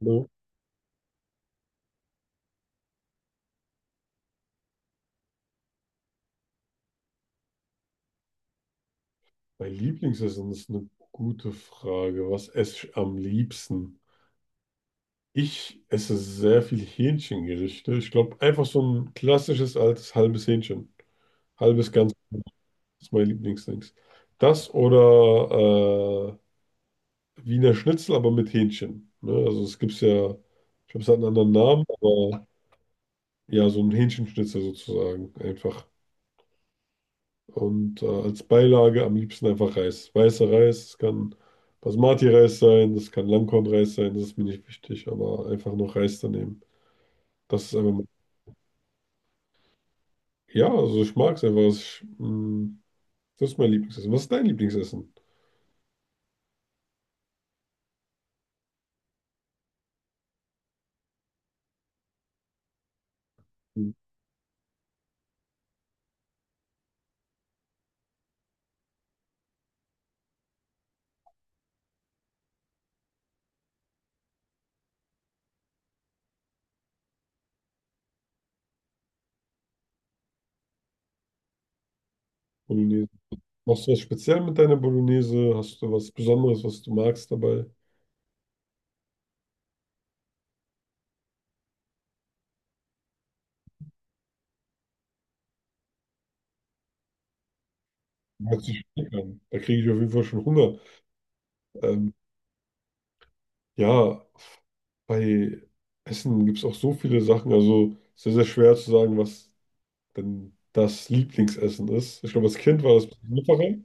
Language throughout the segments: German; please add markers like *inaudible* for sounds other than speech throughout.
Ne? Mein Lieblingsessen ist eine gute Frage. Was esse ich am liebsten? Ich esse sehr viel Hähnchengerichte. Ich glaube, einfach so ein klassisches altes halbes Hähnchen. Halbes Ganzes ist mein Lieblingsding. Das oder Wiener Schnitzel, aber mit Hähnchen. Ne? Also es gibt ja, ich glaube, es hat einen anderen Namen, aber ja, so ein Hähnchenschnitzel sozusagen. Einfach. Und als Beilage am liebsten einfach Reis. Weißer Reis, es kann Basmati-Reis sein, das kann Langkornreis sein, das ist mir nicht wichtig, aber einfach noch Reis daneben. Das ist einfach, ja, also ich mag es einfach. Das ist mein Lieblingsessen. Was ist dein Lieblingsessen? Hm, Bolognese. Machst du was speziell mit deiner Bolognese? Hast du was Besonderes, was du magst dabei? Hört sich schick an. Da kriege ich auf jeden Fall schon Hunger. Ähm, ja, bei Essen gibt es auch so viele Sachen. Also sehr, sehr schwer zu sagen, was denn das Lieblingsessen ist. Ich glaube, als Kind war das ein bisschen einfacher,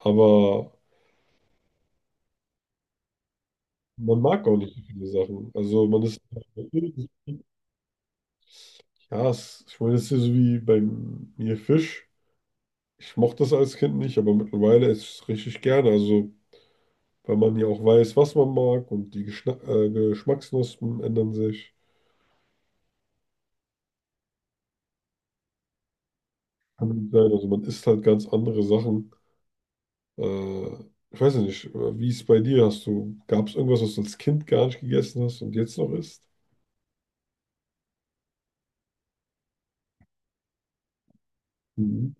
aber man mag auch nicht so viele Sachen. Also man ist, ja, es, ich meine, es ist ja so wie bei mir Fisch. Ich mochte das als Kind nicht, aber mittlerweile esse ich es richtig gerne. Also, weil man ja auch weiß, was man mag und die Geschna Geschmacksknospen ändern sich. Kann gut sein. Also man isst halt ganz andere Sachen. Äh, Ich weiß ja nicht, wie ist es bei dir? Hast du, gab es irgendwas, was du als Kind gar nicht gegessen hast und jetzt noch isst? Mhm.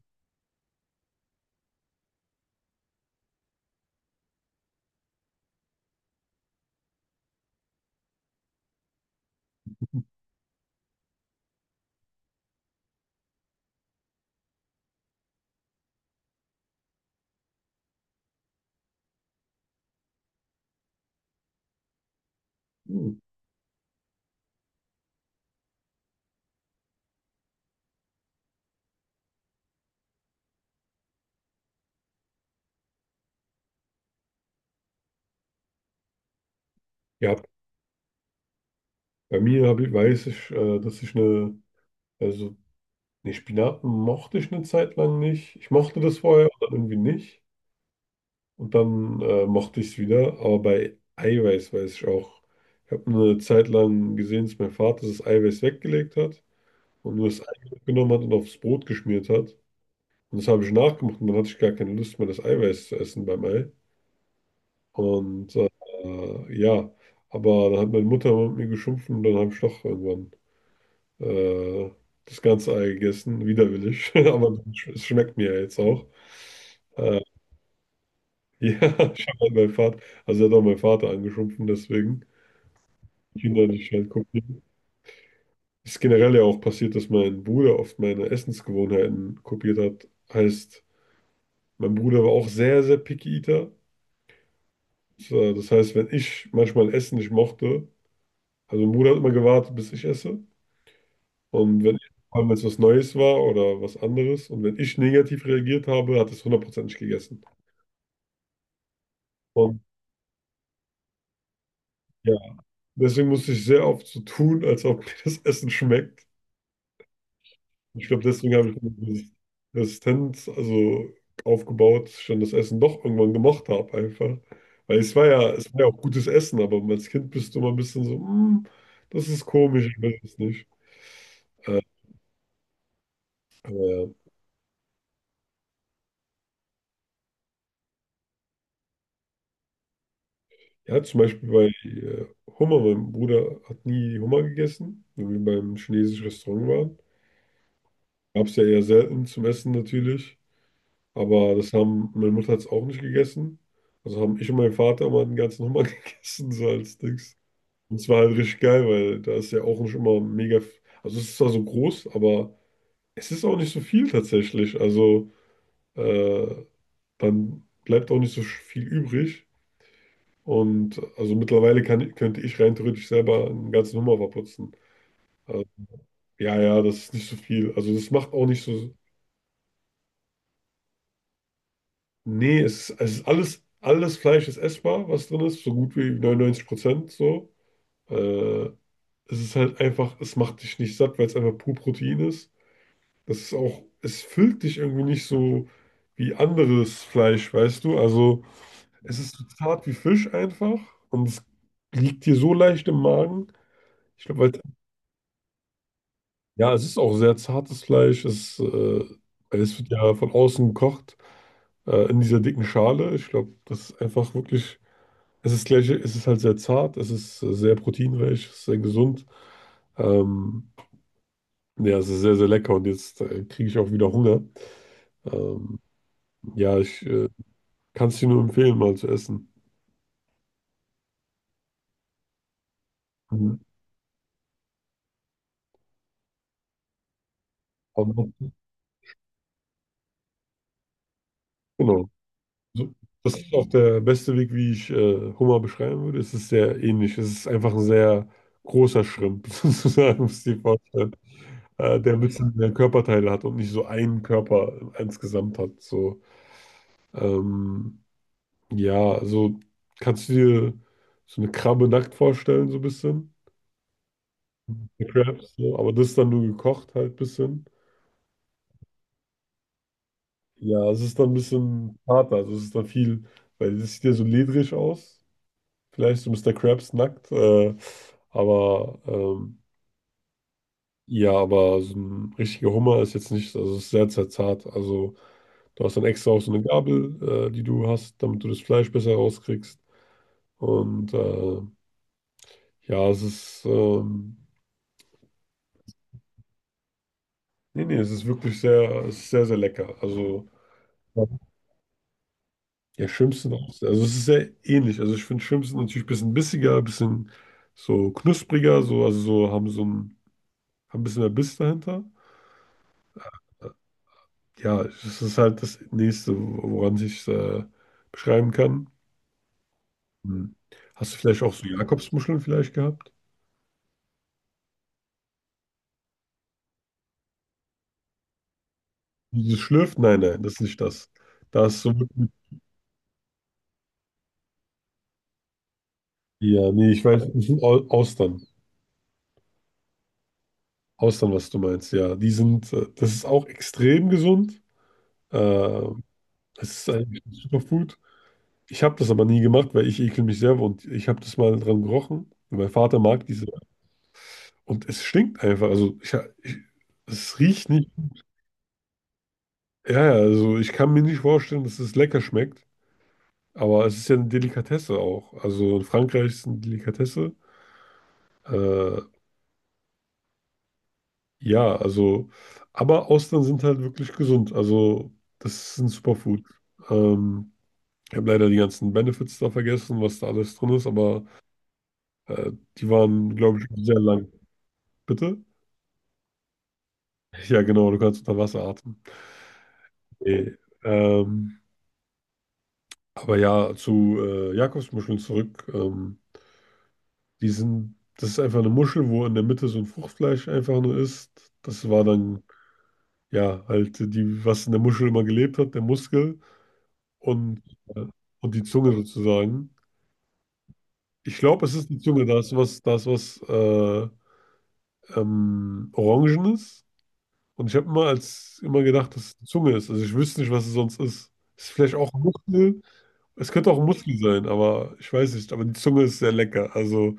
Hm. Ja, bei mir hab ich, weiß ich, dass ich eine, also ne Spinaten mochte ich eine Zeit lang nicht. Ich mochte das vorher und dann irgendwie nicht. Und dann mochte ich es wieder. Aber bei Eiweiß weiß ich auch. Ich habe eine Zeit lang gesehen, dass mein Vater das Eiweiß weggelegt hat und nur das Ei genommen hat und aufs Brot geschmiert hat. Und das habe ich nachgemacht und dann hatte ich gar keine Lust mehr, das Eiweiß zu essen beim Ei. Und ja, aber dann hat meine Mutter mit mir geschumpft und dann habe ich doch irgendwann äh, das ganze Ei gegessen, widerwillig, *laughs* aber es schmeckt mir ja jetzt auch. Äh, ja, *laughs* schon mal mein Vater, also er hat auch mein Vater angeschumpfen, deswegen Kinder nicht halt kopieren. Es ist generell ja auch passiert, dass mein Bruder oft meine Essensgewohnheiten kopiert hat. Heißt, mein Bruder war auch sehr, sehr picky Eater. So, das heißt, wenn ich manchmal Essen nicht mochte, also mein Bruder hat immer gewartet, bis ich esse. Und wenn es was Neues war oder was anderes und wenn ich negativ reagiert habe, hat es hundertprozentig gegessen. Und ja, deswegen musste ich sehr oft so tun, als ob *laughs* mir das Essen schmeckt. Ich glaube, deswegen habe ich diese Resistenz also aufgebaut, dass ich dann das Essen doch irgendwann gemocht habe einfach. Weil es war ja auch gutes Essen, aber als Kind bist du immer ein bisschen so, "Mm, das ist komisch, ich will es nicht." Äh, aber ja. Ja, zum Beispiel bei Hummer. Mein Bruder hat nie Hummer gegessen, wenn wir beim chinesischen Restaurant waren. Gab es ja eher selten zum Essen natürlich. Aber meine Mutter hat es auch nicht gegessen. Also haben ich und mein Vater mal den ganzen Hummer *laughs* gegessen, so als Dings. Und es war halt richtig geil, weil da ist ja auch nicht immer mega. Also es ist zwar so groß, aber es ist auch nicht so viel tatsächlich. Also äh, dann bleibt auch nicht so viel übrig. Und also mittlerweile könnte ich rein theoretisch selber einen ganzen Hummer verputzen. Also, ja, ja, das ist nicht so viel. Also das macht auch nicht so. Nee, es ist alles Fleisch ist essbar, was drin ist, so gut wie 99% so. Äh, Es ist halt einfach, es macht dich nicht satt, weil es einfach pur Protein ist. Das ist auch, es füllt dich irgendwie nicht so wie anderes Fleisch, weißt du? Also es ist so zart wie Fisch einfach und es liegt dir so leicht im Magen. Ich glaube, weil ja, es ist auch sehr zartes Fleisch. Es wird ja von außen gekocht, in dieser dicken Schale. Ich glaube, das ist einfach wirklich. Es ist gleich, es ist halt sehr zart, es ist sehr proteinreich, es ist sehr gesund. Ähm, ja, es ist sehr, sehr lecker und jetzt kriege ich auch wieder Hunger. Ähm, ja, ich kann es dir nur empfehlen, mal zu essen. Mhm. Aber- Genau. So, das ist auch der beste Weg, wie ich Hummer beschreiben würde. Es ist sehr ähnlich. Es ist einfach ein sehr großer Schrimp, *laughs* sozusagen, muss ich dir vorstellen. Der ein bisschen mehr Körperteile hat und nicht so einen Körper insgesamt hat. So, ähm, ja, also kannst du dir so eine Krabbe nackt vorstellen, so ein bisschen. Eine Crabs, so, aber das ist dann nur gekocht halt ein bisschen. Ja, es ist dann ein bisschen harter, also es ist dann viel, weil das sieht ja so ledrig aus. Vielleicht so Mr. Krabs nackt, aber ja, aber so ein richtiger Hummer ist jetzt nicht, also ist sehr, sehr zart. Also du hast dann extra auch so eine Gabel, die du hast, damit du das Fleisch besser rauskriegst. Und ja, es ist, nee, nee, es ist wirklich sehr, es ist sehr, sehr lecker. Also ja, Schrimps sind auch, also es ist sehr ähnlich. Also ich finde Schrimps sind natürlich ein bisschen bissiger, ein bisschen so knuspriger, so, also so haben so ein, haben ein bisschen mehr Biss dahinter. Ja, das ist halt das Nächste, woran ich beschreiben kann. Hm. Hast du vielleicht auch so Jakobsmuscheln vielleicht gehabt? Dieses Schlürfen? Nein, nein, das ist nicht das. Da ist so wirklich, ja, nee, ich weiß, das sind Austern. Austern, was du meinst, ja. Das ist auch extrem gesund. Äh, Es ist eigentlich ein Superfood. Ich habe das aber nie gemacht, weil ich ekel mich selber und ich habe das mal dran gerochen. Mein Vater mag diese und es stinkt einfach. Also ich, es riecht nicht. Ja, ja, also ich kann mir nicht vorstellen, dass es lecker schmeckt, aber es ist ja eine Delikatesse auch. Also in Frankreich ist es eine Delikatesse. Äh, ja, also, aber Austern sind halt wirklich gesund. Also das ist ein Superfood. Ähm, Ich habe leider die ganzen Benefits da vergessen, was da alles drin ist, aber äh, die waren, glaube ich, sehr lang. Bitte? Ja, genau, du kannst unter Wasser atmen. Nee, ähm, aber ja, zu Jakobsmuscheln zurück. Das ist einfach eine Muschel, wo in der Mitte so ein Fruchtfleisch einfach nur ist. Das war dann, ja, halt die, was in der Muschel immer gelebt hat, der Muskel und, äh, und die Zunge sozusagen. Ich glaube, es ist die Zunge, da ist was Orangenes. Und ich habe immer als immer gedacht, dass es die Zunge ist. Also ich wüsste nicht, was es sonst ist. Ist vielleicht auch ein Muskel. Es könnte auch ein Muskel sein, aber ich weiß nicht. Aber die Zunge ist sehr lecker. Also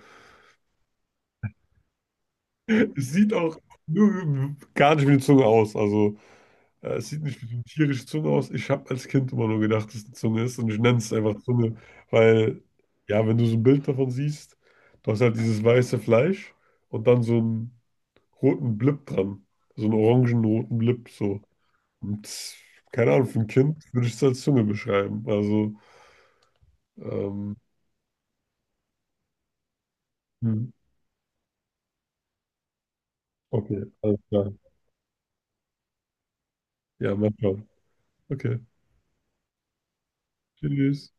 es sieht auch gar nicht wie eine Zunge aus. Also, ja, es sieht nicht wie eine tierische Zunge aus. Ich habe als Kind immer nur gedacht, dass es eine Zunge ist und ich nenne es einfach Zunge, weil, ja, wenn du so ein Bild davon siehst, du hast halt dieses weiße Fleisch und dann so einen roten Blip dran. So einen orangen-roten Blip, so. Und keine Ahnung, für ein Kind würde ich es als Zunge beschreiben. Also, ähm, hm, okay, alles klar. Ja, mal schauen. Okay, tschüss.